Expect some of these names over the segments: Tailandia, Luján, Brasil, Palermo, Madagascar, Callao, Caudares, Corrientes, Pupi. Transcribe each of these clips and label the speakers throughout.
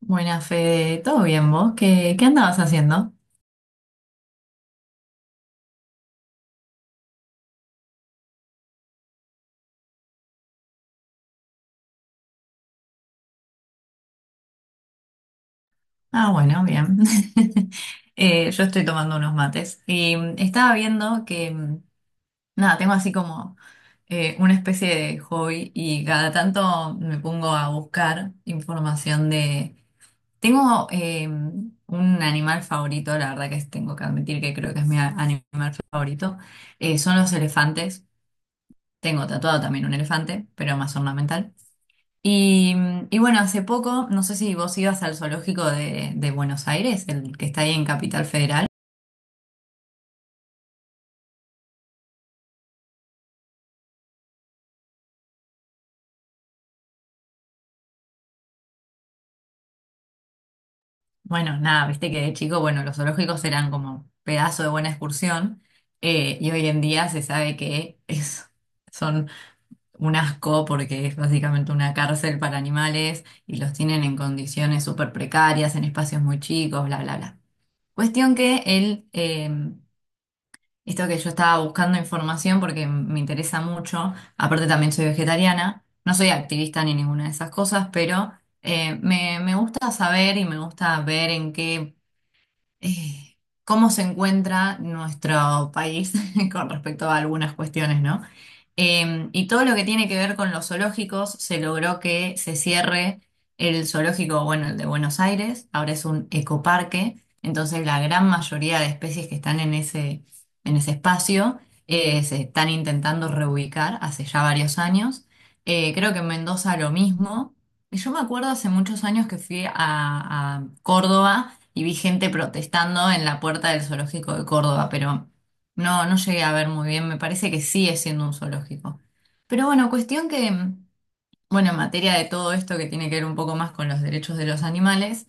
Speaker 1: Buena Fede, ¿todo bien vos? ¿Qué andabas haciendo? Ah, bueno, bien. Yo estoy tomando unos mates y estaba viendo que, nada, tengo así como una especie de hobby y cada tanto me pongo a buscar información de... Tengo un animal favorito, la verdad que tengo que admitir que creo que es mi animal favorito, son los elefantes. Tengo tatuado también un elefante, pero más ornamental. Y, y bueno, hace poco, no sé si vos ibas al zoológico de Buenos Aires, el que está ahí en Capital Federal. Bueno, nada, viste que de chico, bueno, los zoológicos eran como pedazo de buena excursión, y hoy en día se sabe que es, son un asco porque es básicamente una cárcel para animales y los tienen en condiciones súper precarias, en espacios muy chicos, bla, bla, bla. Cuestión que él esto que yo estaba buscando información porque me interesa mucho, aparte también soy vegetariana, no soy activista ni ninguna de esas cosas, pero me gusta saber y me gusta ver en qué, eh, cómo se encuentra nuestro país con respecto a algunas cuestiones, ¿no? Y todo lo que tiene que ver con los zoológicos, se logró que se cierre el zoológico, bueno, el de Buenos Aires, ahora es un ecoparque, entonces la gran mayoría de especies que están en ese espacio se están intentando reubicar hace ya varios años. Creo que en Mendoza lo mismo. Y yo me acuerdo hace muchos años que fui a Córdoba y vi gente protestando en la puerta del zoológico de Córdoba, pero... No, no llegué a ver muy bien, me parece que sigue siendo un zoológico. Pero bueno, cuestión que bueno, en materia de todo esto que tiene que ver un poco más con los derechos de los animales,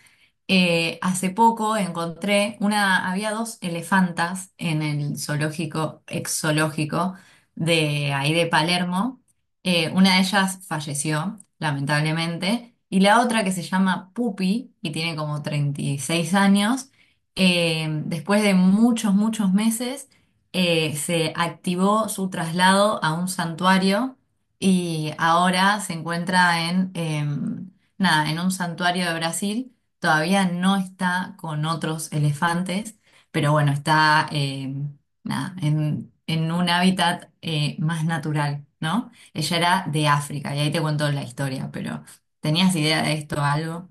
Speaker 1: hace poco encontré una, había dos elefantas en el zoológico, ex zoológico de ahí de Palermo. Una de ellas falleció, lamentablemente, y la otra que se llama Pupi y tiene como 36 años, después de muchos, muchos meses, se activó su traslado a un santuario y ahora se encuentra en, nada, en un santuario de Brasil. Todavía no está con otros elefantes, pero bueno, está nada, en un hábitat más natural, ¿no? Ella era de África y ahí te cuento la historia, pero ¿tenías idea de esto o algo?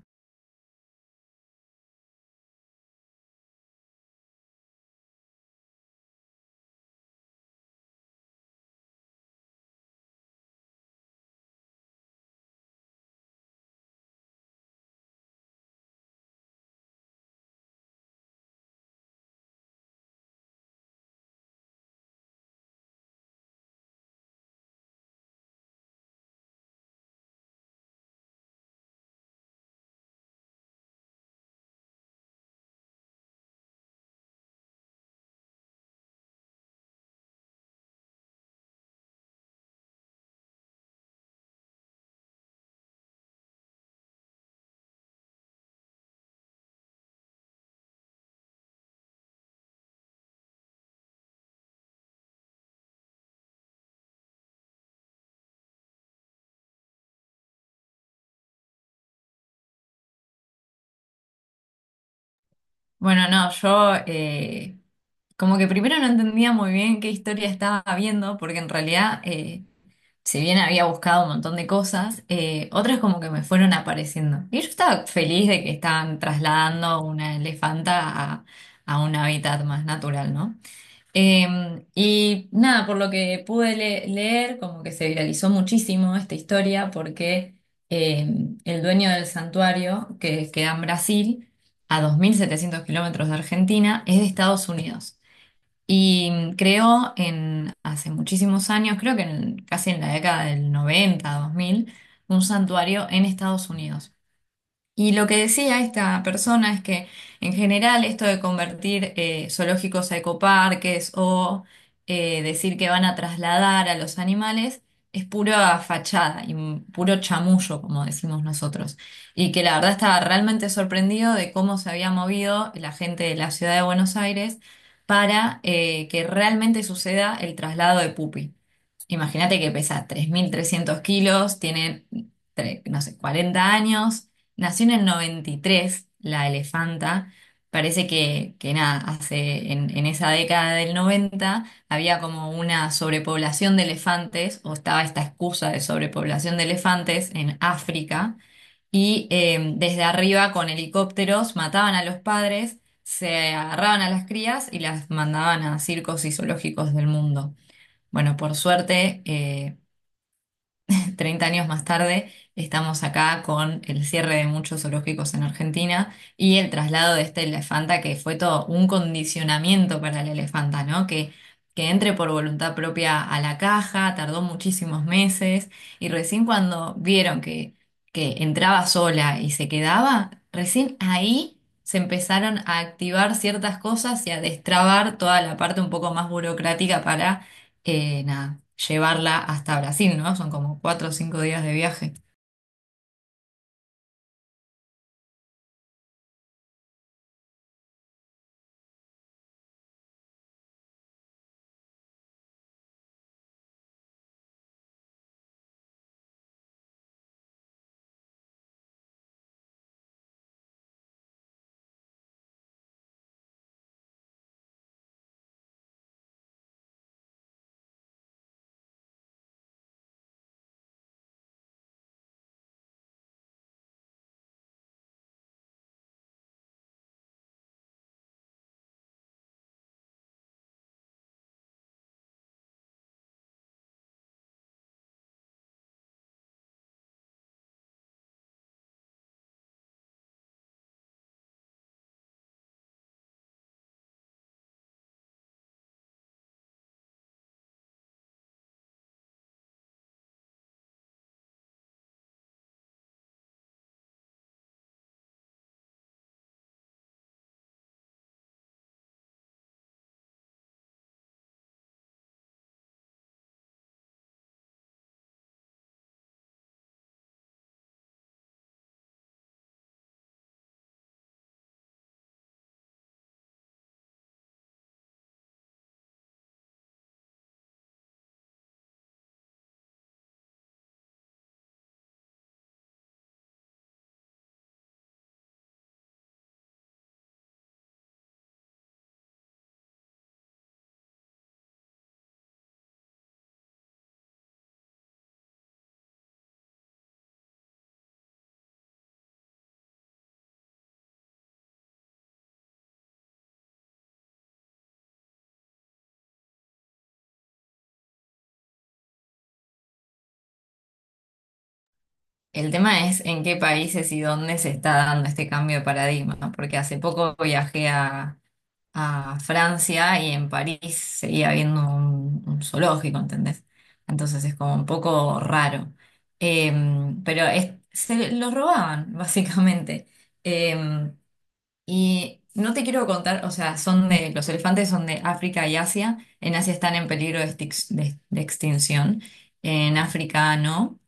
Speaker 1: Bueno, no, yo como que primero no entendía muy bien qué historia estaba viendo, porque en realidad... si bien había buscado un montón de cosas, otras como que me fueron apareciendo. Y yo estaba feliz de que estaban trasladando una elefanta a, a un hábitat más natural, ¿no? Y nada, por lo que pude leer, como que se viralizó muchísimo esta historia porque eh, el dueño del santuario, que queda en Brasil, a 2.700 kilómetros de Argentina, es de Estados Unidos. Y creo en hace muchísimos años, creo que casi en la década del 90, 2000, un santuario en Estados Unidos. Y lo que decía esta persona es que en general esto de convertir zoológicos a ecoparques o decir que van a trasladar a los animales es pura fachada y un puro chamullo, como decimos nosotros. Y que la verdad estaba realmente sorprendido de cómo se había movido la gente de la ciudad de Buenos Aires para que realmente suceda el traslado de Pupi. Imagínate que pesa 3.300 kilos, tiene, no sé, 40 años. Nació en el 93 la elefanta. Parece que nada, hace, en esa década del 90 había como una sobrepoblación de elefantes, o estaba esta excusa de sobrepoblación de elefantes en África, y desde arriba con helicópteros mataban a los padres, se agarraban a las crías y las mandaban a circos y zoológicos del mundo. Bueno, por suerte, 30 años más tarde, estamos acá con el cierre de muchos zoológicos en Argentina y el traslado de esta elefanta, que fue todo un condicionamiento para la elefanta, ¿no? Que entre por voluntad propia a la caja, tardó muchísimos meses y recién cuando vieron que entraba sola y se quedaba, recién ahí... se empezaron a activar ciertas cosas y a destrabar toda la parte un poco más burocrática para nada, llevarla hasta Brasil, ¿no? Son como cuatro o cinco días de viaje. El tema es en qué países y dónde se está dando este cambio de paradigma, ¿no? Porque hace poco viajé a Francia y en París seguía habiendo un zoológico, ¿entendés? Entonces es como un poco raro. Pero se los robaban, básicamente. Em, Y no te quiero contar, o sea, son de, los elefantes son de África y Asia. En Asia están en peligro de, de extinción. En África no.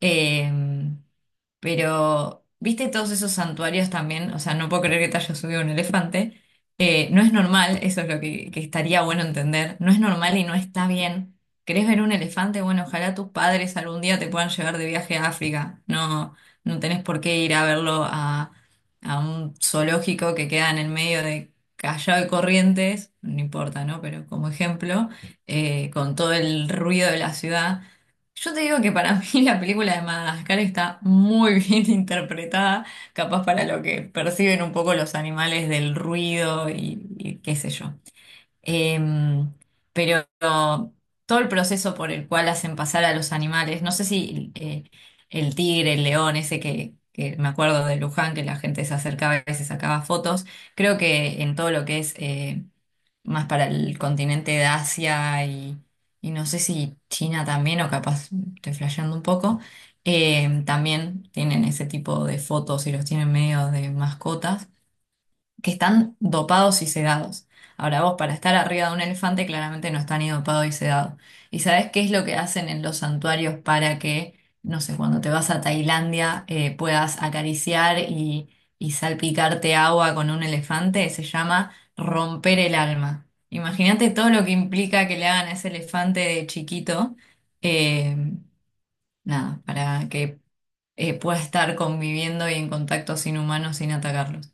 Speaker 1: Em, pero, ¿viste todos esos santuarios también? O sea, no puedo creer que te haya subido un elefante. No es normal, eso es lo que estaría bueno entender. No es normal y no está bien. ¿Querés ver un elefante? Bueno, ojalá tus padres algún día te puedan llevar de viaje a África. No, no tenés por qué ir a verlo a un zoológico que queda en el medio de Callao y Corrientes, no importa, ¿no? Pero como ejemplo, con todo el ruido de la ciudad. Yo te digo que para mí la película de Madagascar está muy bien interpretada, capaz para lo que perciben un poco los animales del ruido y qué sé yo. Em, pero todo el proceso por el cual hacen pasar a los animales, no sé si el tigre, el león, ese que me acuerdo de Luján, que la gente se acercaba y se sacaba fotos, creo que en todo lo que es más para el continente de Asia y no sé si China también, o capaz estoy flasheando un poco, también tienen ese tipo de fotos y los tienen medio de mascotas que están dopados y sedados. Ahora vos, para estar arriba de un elefante, claramente no está ni dopado y sedado. ¿Y sabés qué es lo que hacen en los santuarios para que, no sé, cuando te vas a Tailandia puedas acariciar y salpicarte agua con un elefante? Se llama romper el alma. Imagínate todo lo que implica que le hagan a ese elefante de chiquito, eh, nada, para que pueda estar conviviendo y en contacto sin humanos sin atacarlos.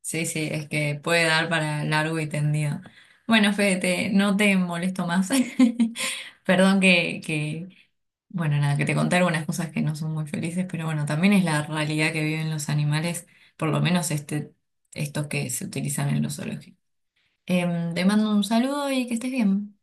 Speaker 1: Sí, sí, es que puede dar para largo y tendido. Bueno, Fede, no te molesto más. Perdón que, bueno, nada, que te conté algunas cosas que no son muy felices, pero bueno, también es la realidad que viven los animales, por lo menos este, estos que se utilizan en los zoológicos. Te mando un saludo y que estés bien.